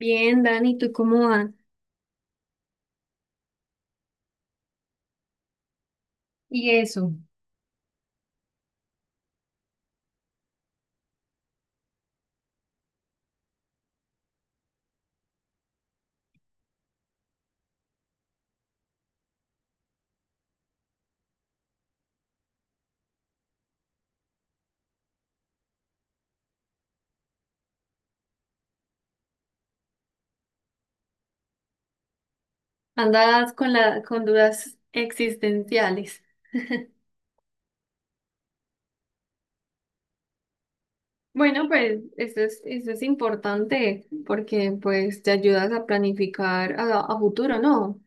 Bien, Dani, ¿tú cómo vas? Y eso. Andas con dudas existenciales. Bueno, pues eso es importante porque pues te ayudas a planificar a futuro, ¿no?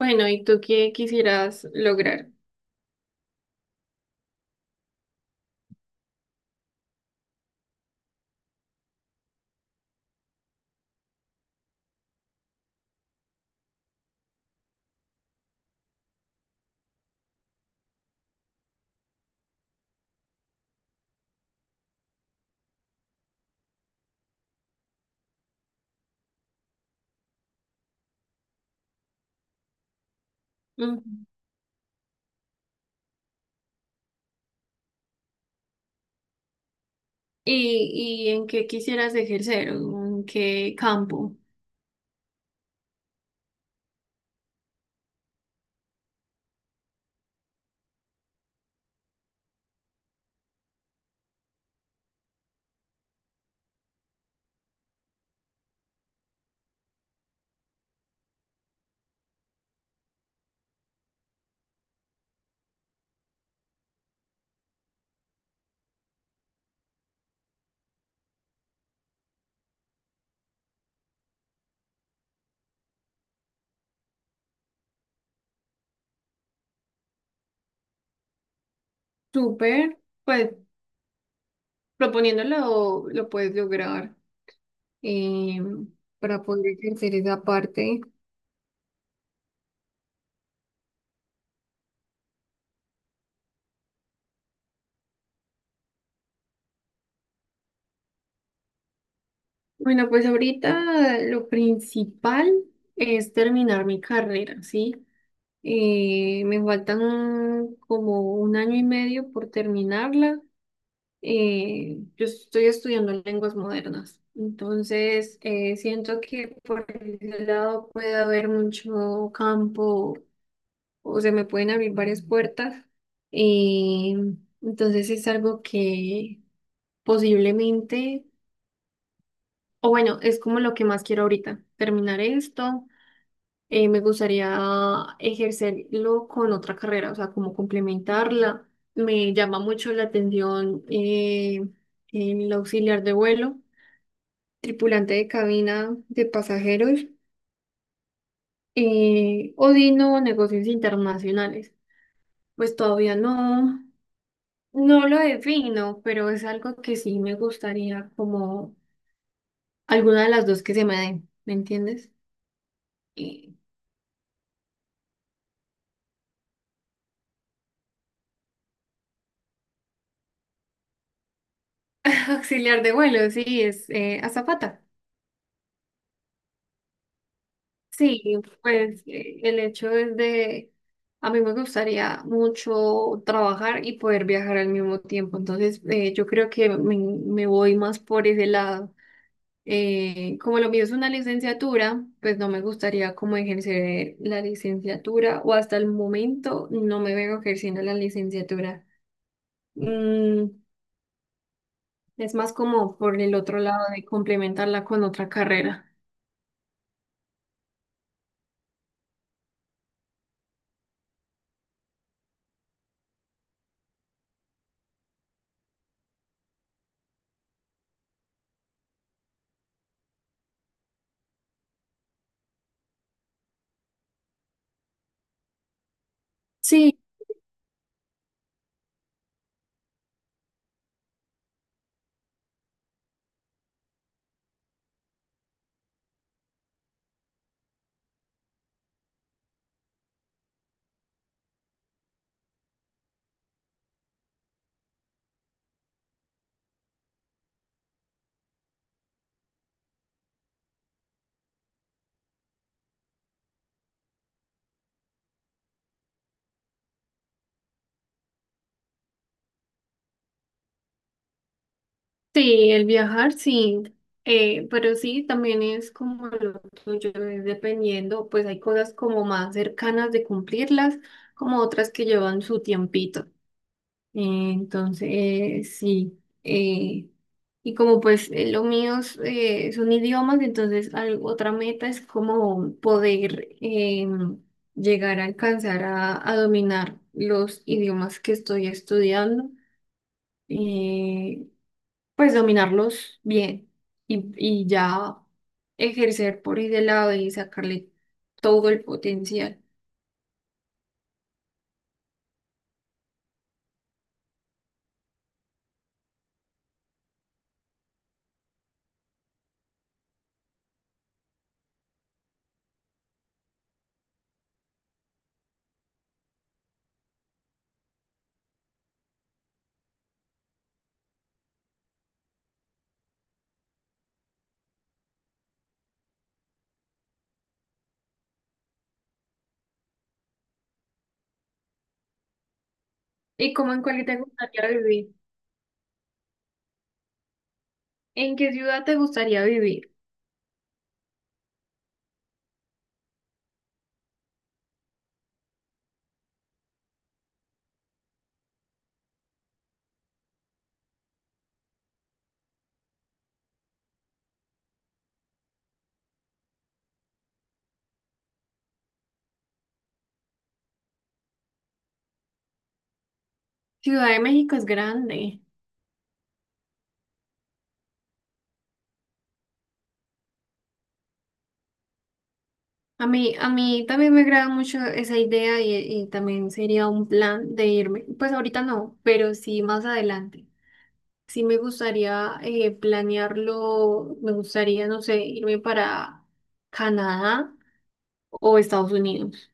Bueno, ¿y tú qué quisieras lograr? Mm. ¿Y en qué quisieras ejercer? ¿En qué campo? Súper, pues proponiéndolo lo puedes lograr em, para poder ejercer esa parte. Bueno, pues ahorita lo principal es terminar mi carrera, ¿sí? Me faltan como un año y medio por terminarla. Yo estoy estudiando lenguas modernas, entonces siento que por ese lado puede haber mucho campo o se me pueden abrir varias puertas. Eh, entonces es algo que posiblemente... O bueno, es como lo que más quiero ahorita, terminar esto. Me gustaría ejercerlo con otra carrera, o sea, como complementarla. Me llama mucho la atención el auxiliar de vuelo, tripulante de cabina de pasajeros, o Dino, negocios internacionales. Pues todavía no, no lo defino, pero es algo que sí me gustaría como alguna de las dos que se me den, ¿me entiendes? Y auxiliar de vuelo, sí, es azafata. Sí, pues el hecho es de, a mí me gustaría mucho trabajar y poder viajar al mismo tiempo, entonces yo creo que me voy más por ese lado. Como lo mío es una licenciatura, pues no me gustaría como ejercer la licenciatura o hasta el momento no me veo ejerciendo la licenciatura. Mm, es más como por el otro lado de complementarla con otra carrera. Sí, sí, el viajar sí, pero sí también es como lo tuyo, es dependiendo, pues hay cosas como más cercanas de cumplirlas, como otras que llevan su tiempito. Eh, entonces, eh, sí, eh, y como pues lo mío es, son idiomas, entonces al- otra meta es como poder llegar a alcanzar a dominar los idiomas que estoy estudiando. Eh, pues dominarlos bien y ya ejercer por ese lado y sacarle todo el potencial. ¿Y cómo en cuál te gustaría vivir? ¿En qué ciudad te gustaría vivir? Ciudad de México es grande. A mí también me agrada mucho esa idea y también sería un plan de irme. Pues ahorita no, pero sí más adelante. Sí me gustaría planearlo, me gustaría, no sé, irme para Canadá o Estados Unidos.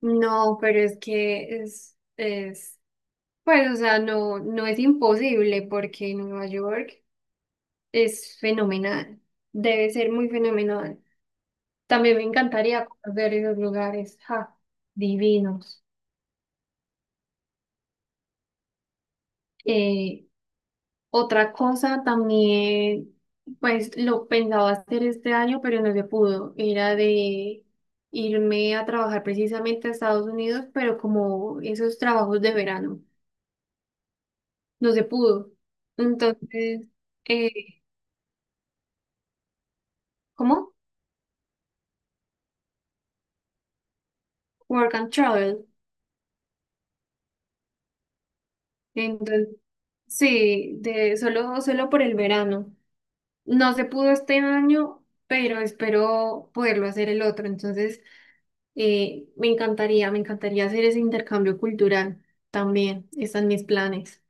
No, pero es que es, pues, o sea, no, no es imposible porque Nueva York es fenomenal, debe ser muy fenomenal. También me encantaría conocer esos lugares, ja, divinos. Eh, Otra cosa también, pues, lo pensaba hacer este año, pero no se pudo, era de irme a trabajar precisamente a Estados Unidos, pero como esos trabajos de verano. No se pudo. Entonces, eh, ¿cómo? Work and travel. Entonces, sí, de solo por el verano. No se pudo este año, pero espero poderlo hacer el otro. Entonces, me encantaría hacer ese intercambio cultural también. Están mis planes.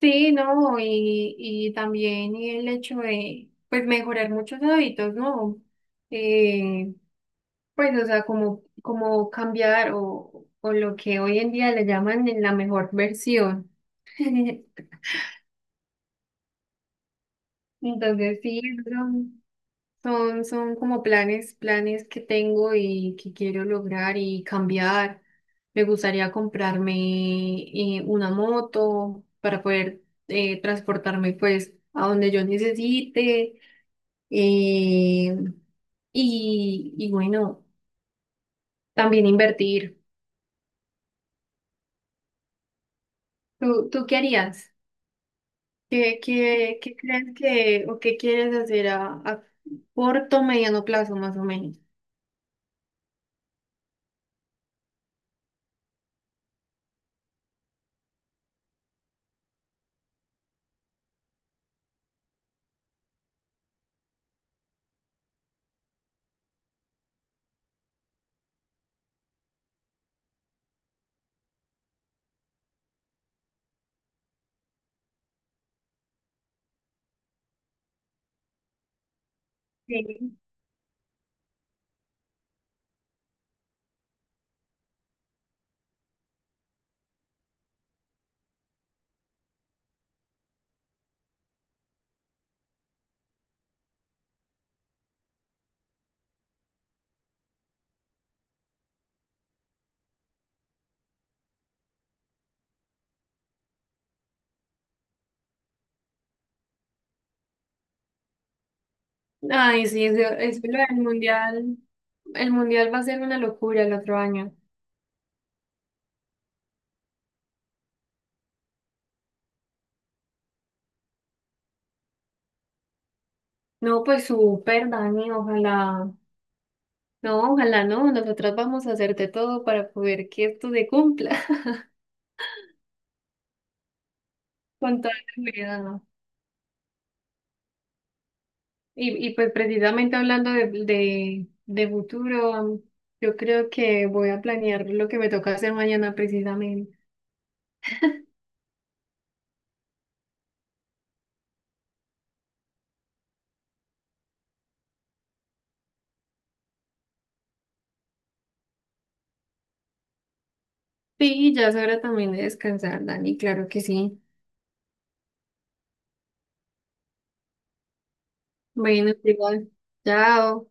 Sí, no, y también el hecho de, pues, mejorar muchos hábitos, ¿no? Eh, Pues, o sea, como, como cambiar o lo que hoy en día le llaman en la mejor versión. Entonces, sí, son, son como planes, planes que tengo y que quiero lograr y cambiar. Me gustaría comprarme una moto para poder transportarme pues a donde yo necesite. eh, y bueno, también invertir. ¿Tú qué harías? ¿Qué crees que o qué quieres hacer a corto, mediano plazo más o menos? Sí. Ay, sí, eso lo del mundial. El mundial va a ser una locura el otro año. No, pues súper, Dani, ojalá. No, ojalá no. Nosotras vamos a hacerte todo para poder que esto se cumpla con toda la ¿no? Y pues precisamente hablando de, de futuro, yo creo que voy a planear lo que me toca hacer mañana precisamente. Sí, ya es hora también de descansar, Dani, claro que sí. Bueno, igual. Chao.